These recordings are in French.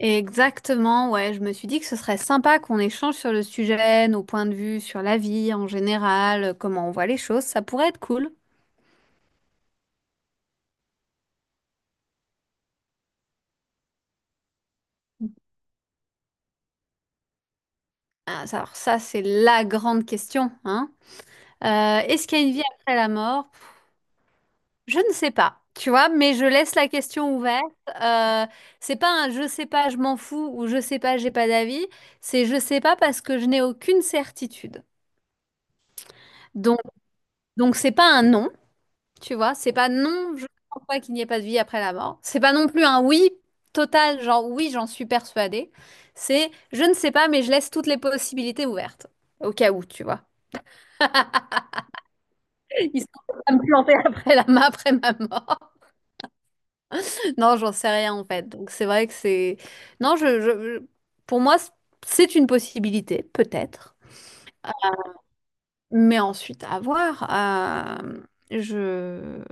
Exactement, ouais. Je me suis dit que ce serait sympa qu'on échange sur le sujet, nos points de vue sur la vie en général, comment on voit les choses. Ça pourrait être cool. Alors ça, c'est la grande question, hein. Est-ce qu'il y a une vie après la mort? Je ne sais pas, tu vois, mais je laisse la question ouverte. Euh, c'est pas un je sais pas, je m'en fous ou je sais pas, j'ai pas d'avis. C'est je sais pas parce que je n'ai aucune certitude. Donc, donc c'est pas un non. Tu vois, c'est pas non, je ne crois pas qu'il n'y ait pas de vie après la mort. C'est pas non plus un oui total, genre oui, j'en suis persuadée. C'est je ne sais pas, mais je laisse toutes les possibilités ouvertes. Au cas où, tu vois. Histoire de pas me planter après ma mort. Non, j'en sais rien en fait. Donc c'est vrai que c'est. Non, je- Pour moi, c'est une possibilité, peut-être. Mais ensuite, à voir. Euh, Je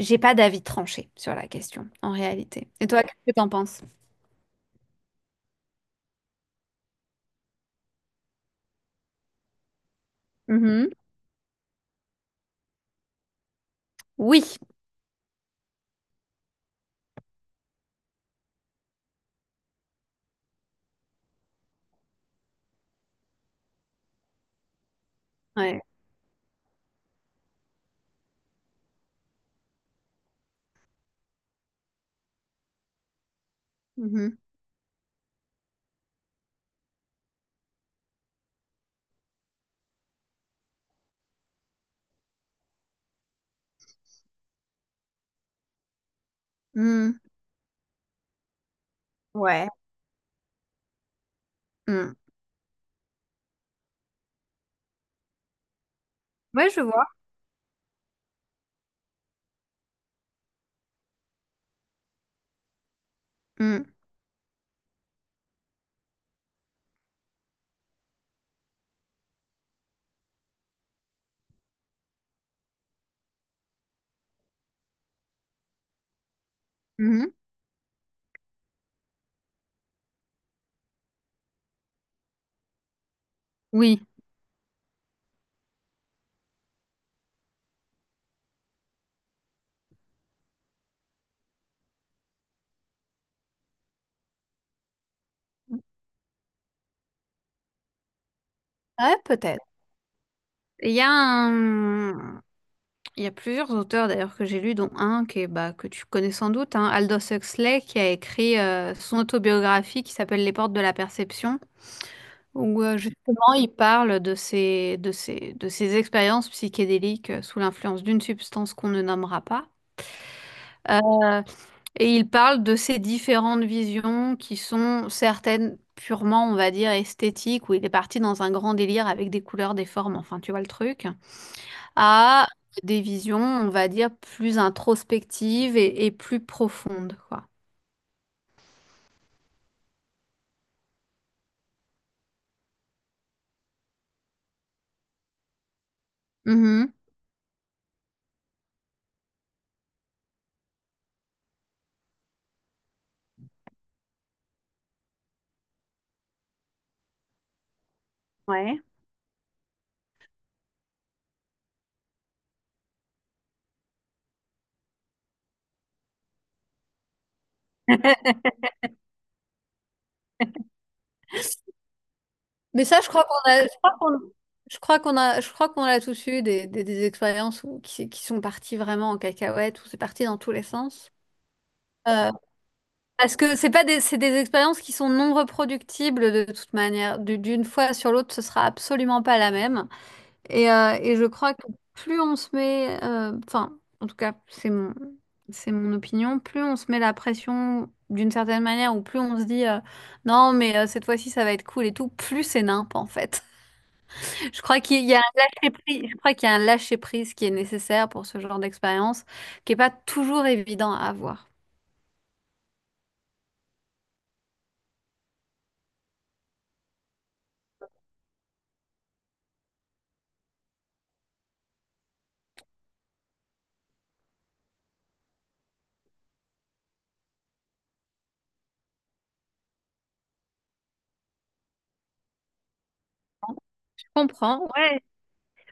J'ai pas d'avis tranché sur la question, en réalité. Et toi, qu'est-ce que t'en penses? Oui. Ouais. Mhm. Mm. Ouais. Mm. Ouais, je vois. Mm. Mhm. Oui. Ouais, peut-être. Il y a un... il y a plusieurs auteurs d'ailleurs que j'ai lus, dont un qui est, bah, que tu connais sans doute, hein, Aldous Huxley, qui a écrit son autobiographie qui s'appelle Les portes de la perception, où justement il parle de ses, de ses expériences psychédéliques sous l'influence d'une substance qu'on ne nommera pas. Et il parle de ces différentes visions qui sont certaines purement, on va dire, esthétiques, où il est parti dans un grand délire avec des couleurs, des formes, enfin, tu vois le truc, à des visions, on va dire, plus introspectives et plus profondes, quoi. Mhm. Ouais. Mais ça, je crois qu'on a, je crois qu'on a, je crois qu'on a tous eu des expériences où, qui sont parties vraiment en cacahuète, où c'est parti dans tous les sens. Euh, Parce que c'est des expériences qui sont non reproductibles de toute manière. D'une fois sur l'autre, ce sera absolument pas la même. Et je crois que plus on se met, enfin, en tout cas, c'est mon opinion, plus on se met la pression d'une certaine manière ou plus on se dit non, mais cette fois-ci, ça va être cool et tout, plus c'est nimp en fait. Je crois qu'il y a un lâcher-prise qui est nécessaire pour ce genre d'expérience, qui est pas toujours évident à avoir. Je comprends, ouais.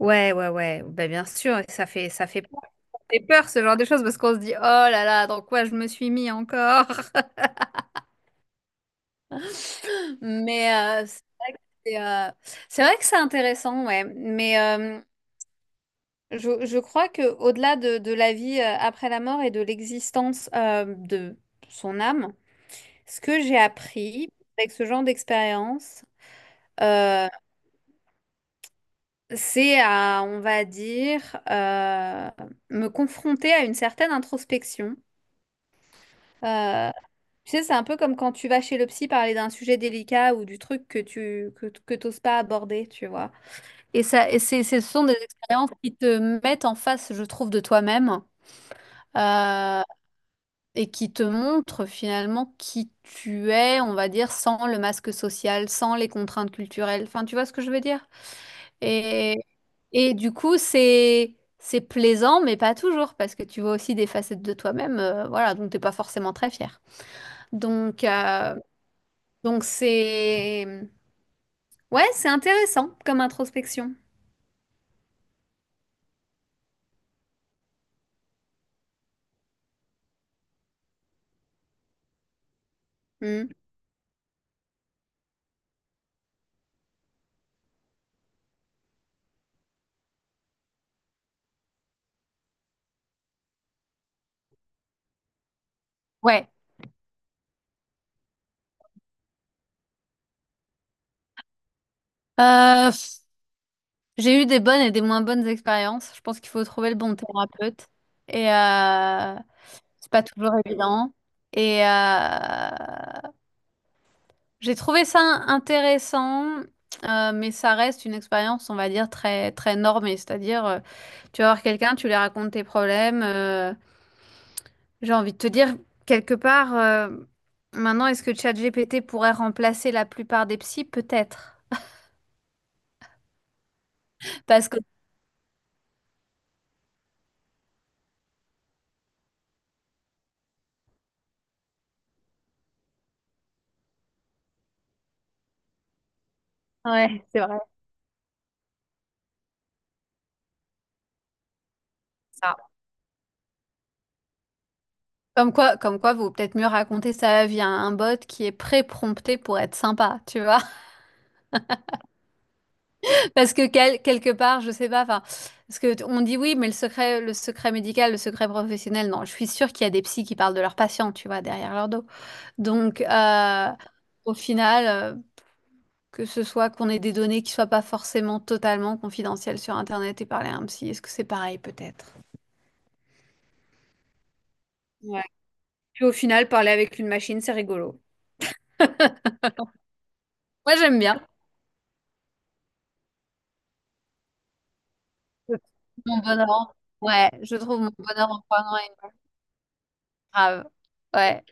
Ouais, ouais, ouais, ben, bien sûr, et ça fait peur, ce genre de choses parce qu'on se dit, oh là là, dans quoi je me suis mis encore? Mais euh, c'est euh, c'est vrai que c'est intéressant, ouais. Mais je crois que au-delà de la vie après la mort et de l'existence de son âme, ce que j'ai appris avec ce genre d'expérience, euh, c'est à, on va dire, me confronter à une certaine introspection. Euh, Tu sais, c'est un peu comme quand tu vas chez le psy parler d'un sujet délicat ou du truc que que t'oses pas aborder, tu vois. Et ça, et c'est, ce sont des expériences qui te mettent en face, je trouve, de toi-même euh, et qui te montrent finalement qui tu es, on va dire, sans le masque social, sans les contraintes culturelles. Enfin, tu vois ce que je veux dire? Et, et du coup, c'est plaisant, mais pas toujours, parce que tu vois aussi des facettes de toi-même. Voilà, donc t'es pas forcément très fier. Donc, euh, Donc c'est... Ouais, c'est intéressant comme introspection. Hmm. Ouais. Euh, pff, j'ai eu des bonnes et des moins bonnes expériences. Je pense qu'il faut trouver le bon thérapeute. Et c'est pas toujours évident. Et j'ai trouvé ça intéressant, mais ça reste une expérience, on va dire, très, très normée. C'est-à-dire, tu vas voir quelqu'un, tu lui racontes tes problèmes. J'ai envie de te dire, quelque part, maintenant, est-ce que ChatGPT pourrait remplacer la plupart des psys? Peut-être. Parce que, ouais, c'est vrai. Ça. Comme quoi, vaut peut-être mieux raconter sa vie à un bot qui est pré-prompté pour être sympa, tu vois? Quelque part, je sais pas, enfin, on dit oui, mais le secret médical, le secret professionnel, non, je suis sûre qu'il y a des psys qui parlent de leurs patients, tu vois, derrière leur dos. Donc, euh, Au final. Que ce soit qu'on ait des données qui soient pas forcément totalement confidentielles sur internet et parler à un psy, est-ce que c'est pareil peut-être? Ouais. Puis au final, parler avec une machine, c'est rigolo. Moi j'aime bien. Mon bonheur. en- Ouais, je trouve mon bonheur en prenant une grave. Ouais.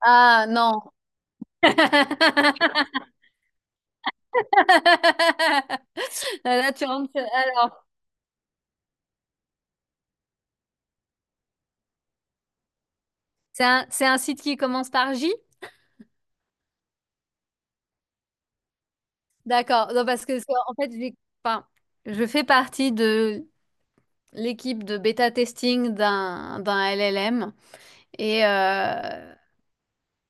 Ah non. Là, tu rentres. Sur- Alors, C'est un, c'est un site qui commence par J? D'accord. Non, parce que c'est- en fait, j'ai- enfin, Je fais partie de l'équipe de bêta testing d'un d'un LLM et, euh,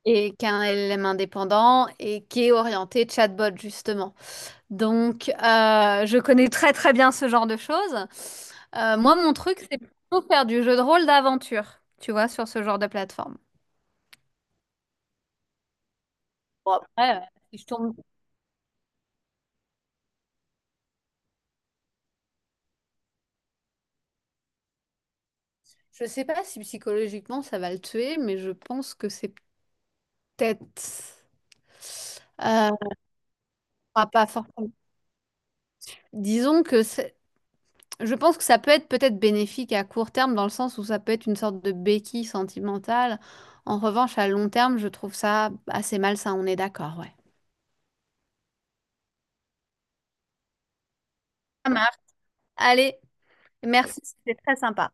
et qu'un LLM indépendant et qui est orienté chatbot justement. Donc, je connais très très bien ce genre de choses. Moi, mon truc, c'est plutôt faire du jeu de rôle d'aventure, tu vois, sur ce genre de plateforme. Bon, après, si je tombe... Je sais pas si psychologiquement ça va le tuer, mais je pense que c'est peut-être... on pourra pas forcément... Disons que c'est- je pense que ça peut être peut-être bénéfique à court terme dans le sens où ça peut être une sorte de béquille sentimentale. En revanche, à long terme, je trouve ça assez malsain, on est d'accord, ouais. Ça marche. Allez, merci, c'était très sympa.